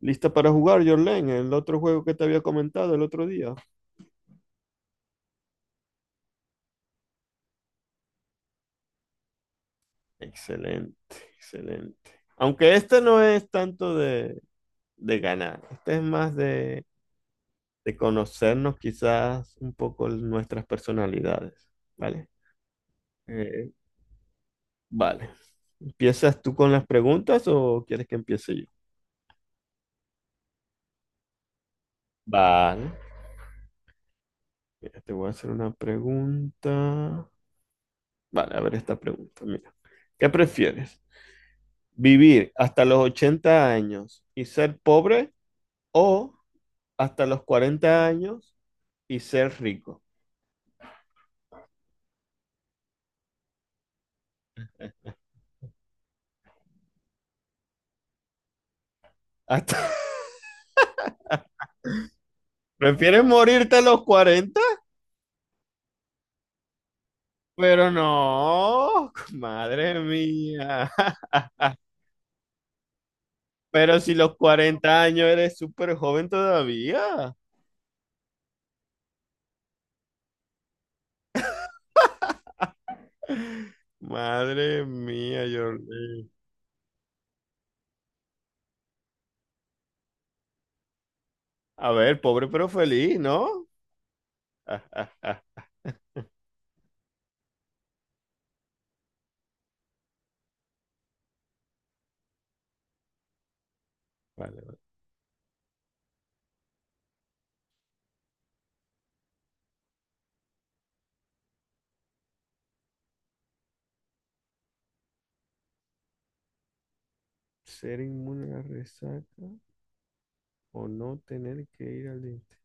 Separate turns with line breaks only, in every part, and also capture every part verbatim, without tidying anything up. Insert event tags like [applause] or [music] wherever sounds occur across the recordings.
¿Lista para jugar, Jorlen? El otro juego que te había comentado el otro día. Excelente, excelente. Aunque este no es tanto de, de ganar, este es más de, de conocernos quizás un poco nuestras personalidades, ¿vale? Eh, vale. ¿Empiezas tú con las preguntas o quieres que empiece yo? Vale. Mira, te voy a hacer una pregunta. Vale, a ver esta pregunta. Mira, ¿qué prefieres? ¿Vivir hasta los ochenta años y ser pobre o hasta los cuarenta años y ser rico? Hasta... [laughs] ¿Prefieres morirte a los cuarenta? Pero no, madre mía. [laughs] Pero si los cuarenta años eres súper joven todavía. Madre mía, Jordi. A ver, pobre pero feliz, ¿no? [laughs] Vale, vale. ¿Ser inmune a la resaca o no tener que ir al dentista?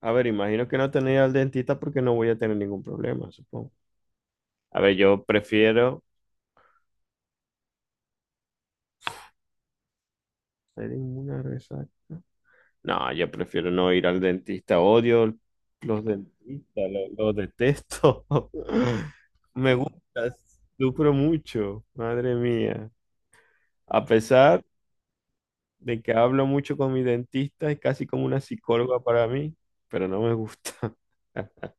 A ver, imagino que no tener que ir al dentista porque no voy a tener ningún problema, supongo. A ver, yo prefiero... ¿Ser inmune a resaca? No, yo prefiero no ir al dentista. Odio los dentistas, lo- los, detesto. [laughs] Me gusta, sufro mucho, madre mía. A pesar de que hablo mucho con mi dentista, es casi como una psicóloga para mí, pero no me gusta. [laughs]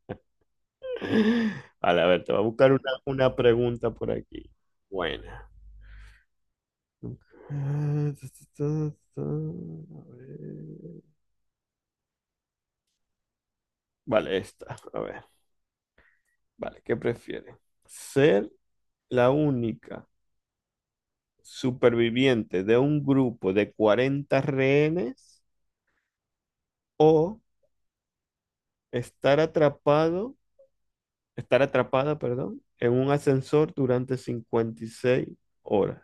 Vale, a ver, te voy a buscar una, una pregunta por aquí. Buena. [laughs] Ah, ta, ta, ta, ta, a ver. Vale, esta. A ver. Vale, ¿qué prefieres? ¿Ser la única superviviente de un grupo de cuarenta rehenes o estar atrapado, estar atrapada, perdón, en un ascensor durante cincuenta y seis horas?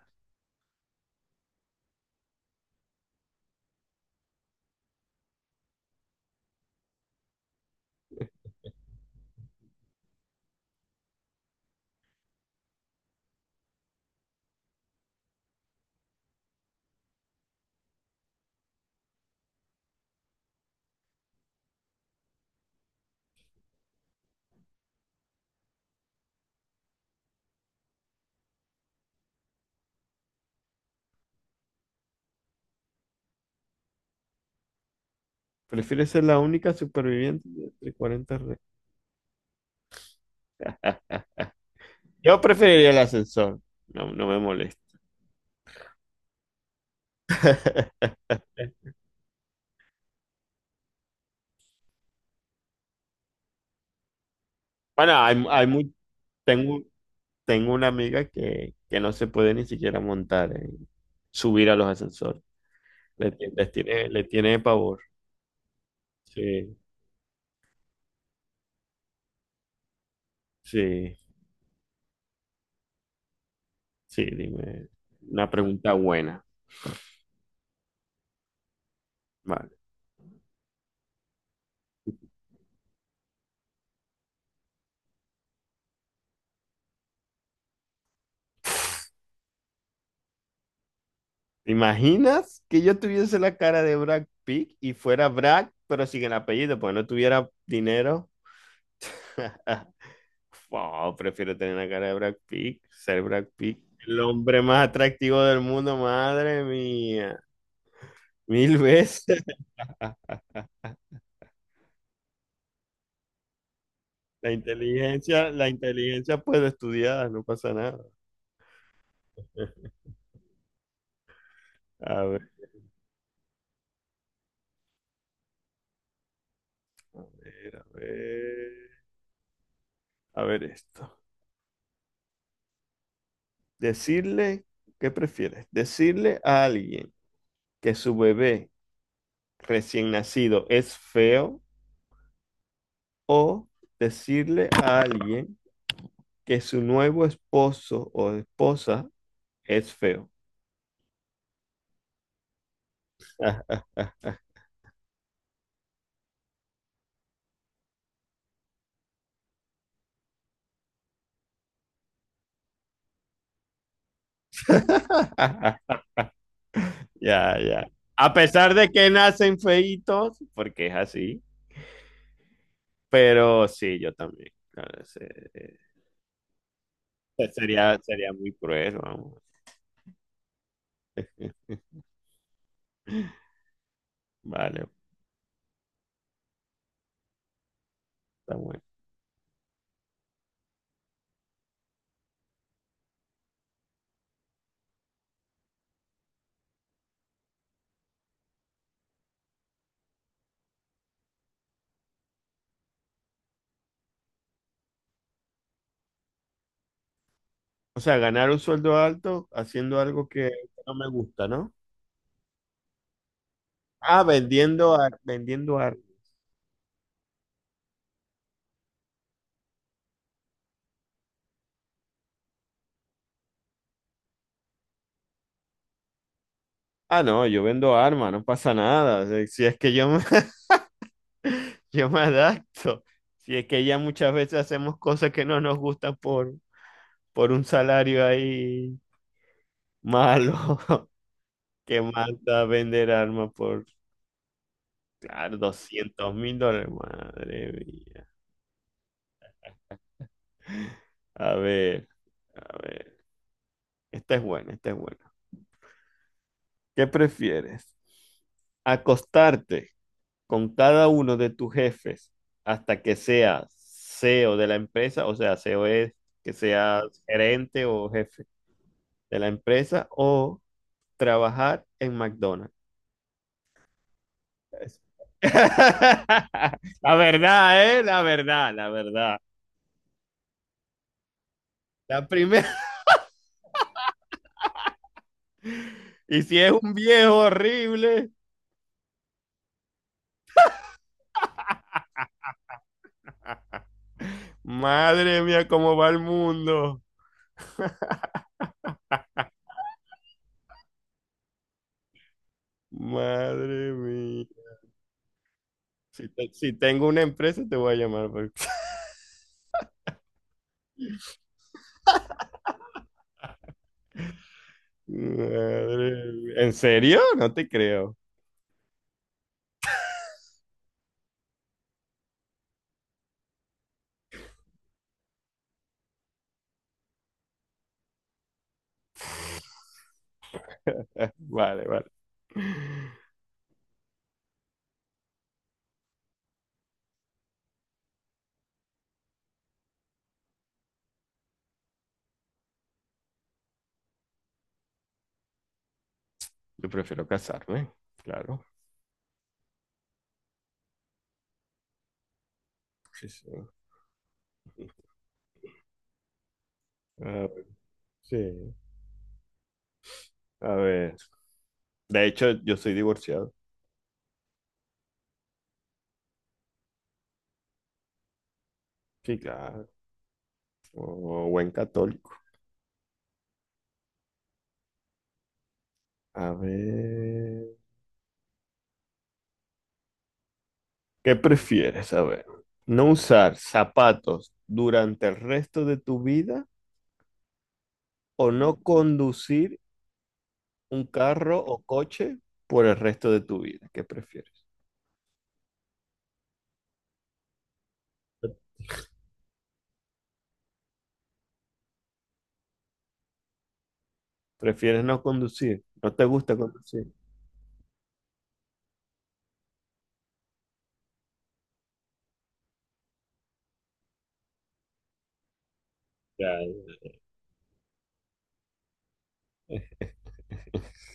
¿Prefieres ser la única superviviente de cuarenta rehenes? Yo preferiría el ascensor. No, no me molesta. [laughs] Bueno, hay, hay muy, tengo, tengo una amiga que, que no se puede ni siquiera montar, en- subir a los ascensores. Le, ti- les tiene, le tiene pavor. Sí, sí, sí, dime. Una pregunta buena. Vale. ¿Te imaginas que yo tuviese la cara de Brad Pitt y fuera Brad, pero sin el apellido, porque no tuviera dinero? [laughs] Wow, prefiero tener la cara de Brad Pitt, ser Brad Pitt. El hombre más atractivo del mundo, madre mía. Mil veces. La inteligencia, la inteligencia puede estudiar, no pasa nada. [laughs] A ver, a ver, a ver, a ver esto. Decirle, ¿qué prefieres? Decirle a alguien que su bebé recién nacido es feo o decirle a alguien que su nuevo esposo o esposa es feo. [laughs] Ya, ya. A pesar de que nacen feitos, porque es así. Pero sí, yo también. Claro, ese- eh, sería, sería muy cruel, vamos. [laughs] Vale, está bueno. O sea, ganar un sueldo alto haciendo algo que no me gusta, ¿no? Ah, vendiendo, ar- vendiendo armas. Ah, no, yo vendo armas, no pasa nada. Si si es que yo me, [laughs] yo me adapto. Si es que ya muchas veces hacemos cosas que no nos gustan por, por un salario ahí malo, [laughs] que manda a vender armas por... Claro, doscientos mil dólares, madre mía. A ver, a ver. Esta es buena, esta es buena. ¿Qué prefieres? ¿Acostarte con cada uno de tus jefes hasta que seas C E O de la empresa? O sea, C E O es que seas gerente o jefe de la empresa o trabajar en McDonald's. Es- [laughs] La verdad, ¿eh? La verdad, la verdad. La primera. [laughs] Y si es un viejo horrible. Madre mía, ¿cómo va el mundo? Madre mía. Si, te- si tengo una empresa, te voy a llamar, porque... [laughs] Madre mía. ¿En serio? No te creo. [laughs] Vale, vale. Yo prefiero casarme, claro. Sí, sí. A ver, sí. A ver. De hecho, yo soy divorciado. Sí, claro. O buen católico. A ver. ¿Qué prefieres? A ver. ¿No usar zapatos durante el resto de tu vida o no conducir un carro o coche por el resto de tu vida? ¿Qué prefieres? ¿Prefieres no conducir? ¿No te gusta conducir? Ya, ya. [laughs]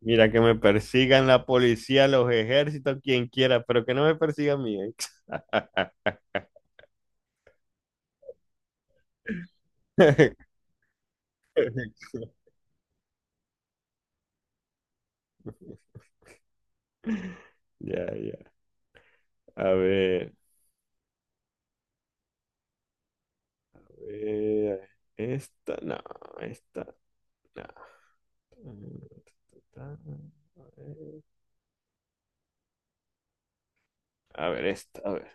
Mira, que me persigan la policía, los ejércitos, quien quiera, pero que no me persiga a mí. ¿Eh? [laughs] Ya, ya. A ver, a ver, esta, no, esta, no. A ver, esta, a ver.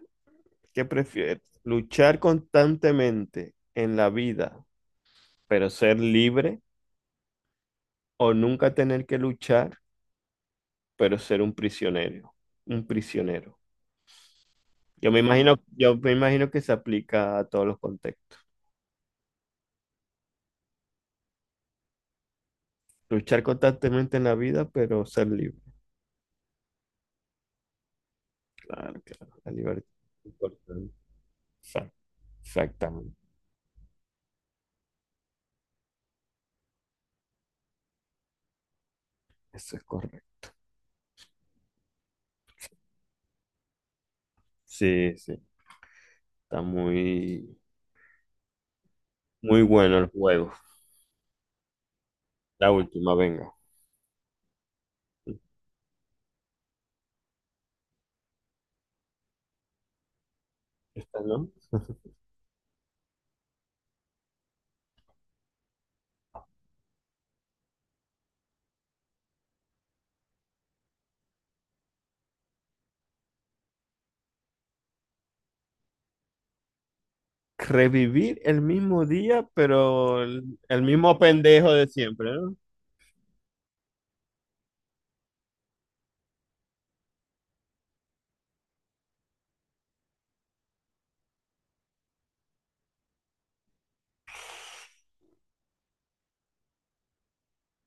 ¿Qué prefieres? ¿Luchar constantemente en la vida, pero ser libre? ¿O nunca tener que luchar, pero ser un prisionero? Un prisionero. Yo me imagino, yo me imagino que se aplica a todos los contextos. Luchar constantemente en la vida, pero ser libre. Claro, claro. La libertad es importante. Exact- Exactamente. Eso es correcto. Sí, sí. Está muy, muy bueno el juego. La última, venga. Esta, ¿no? Revivir el mismo día, pero el, el mismo pendejo de siempre, ¿no?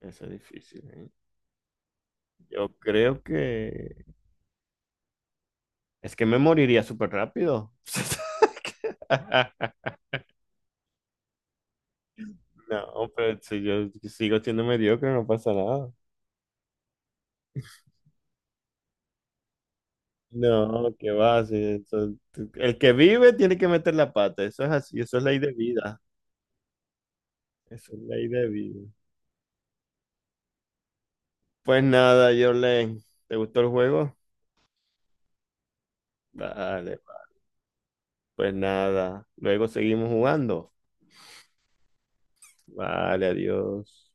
Eso es difícil, ¿eh? Yo creo que... Es que me moriría súper rápido. [laughs] No, pero si yo sigo siendo mediocre, no pasa nada. No, qué va. Sí, eso- tú- el que vive tiene que meter la pata. Eso es así, eso es ley de vida. Eso es ley de vida. Pues nada, Jorlen, ¿te gustó el juego? Vale, pues nada. Luego seguimos jugando. Vale, adiós.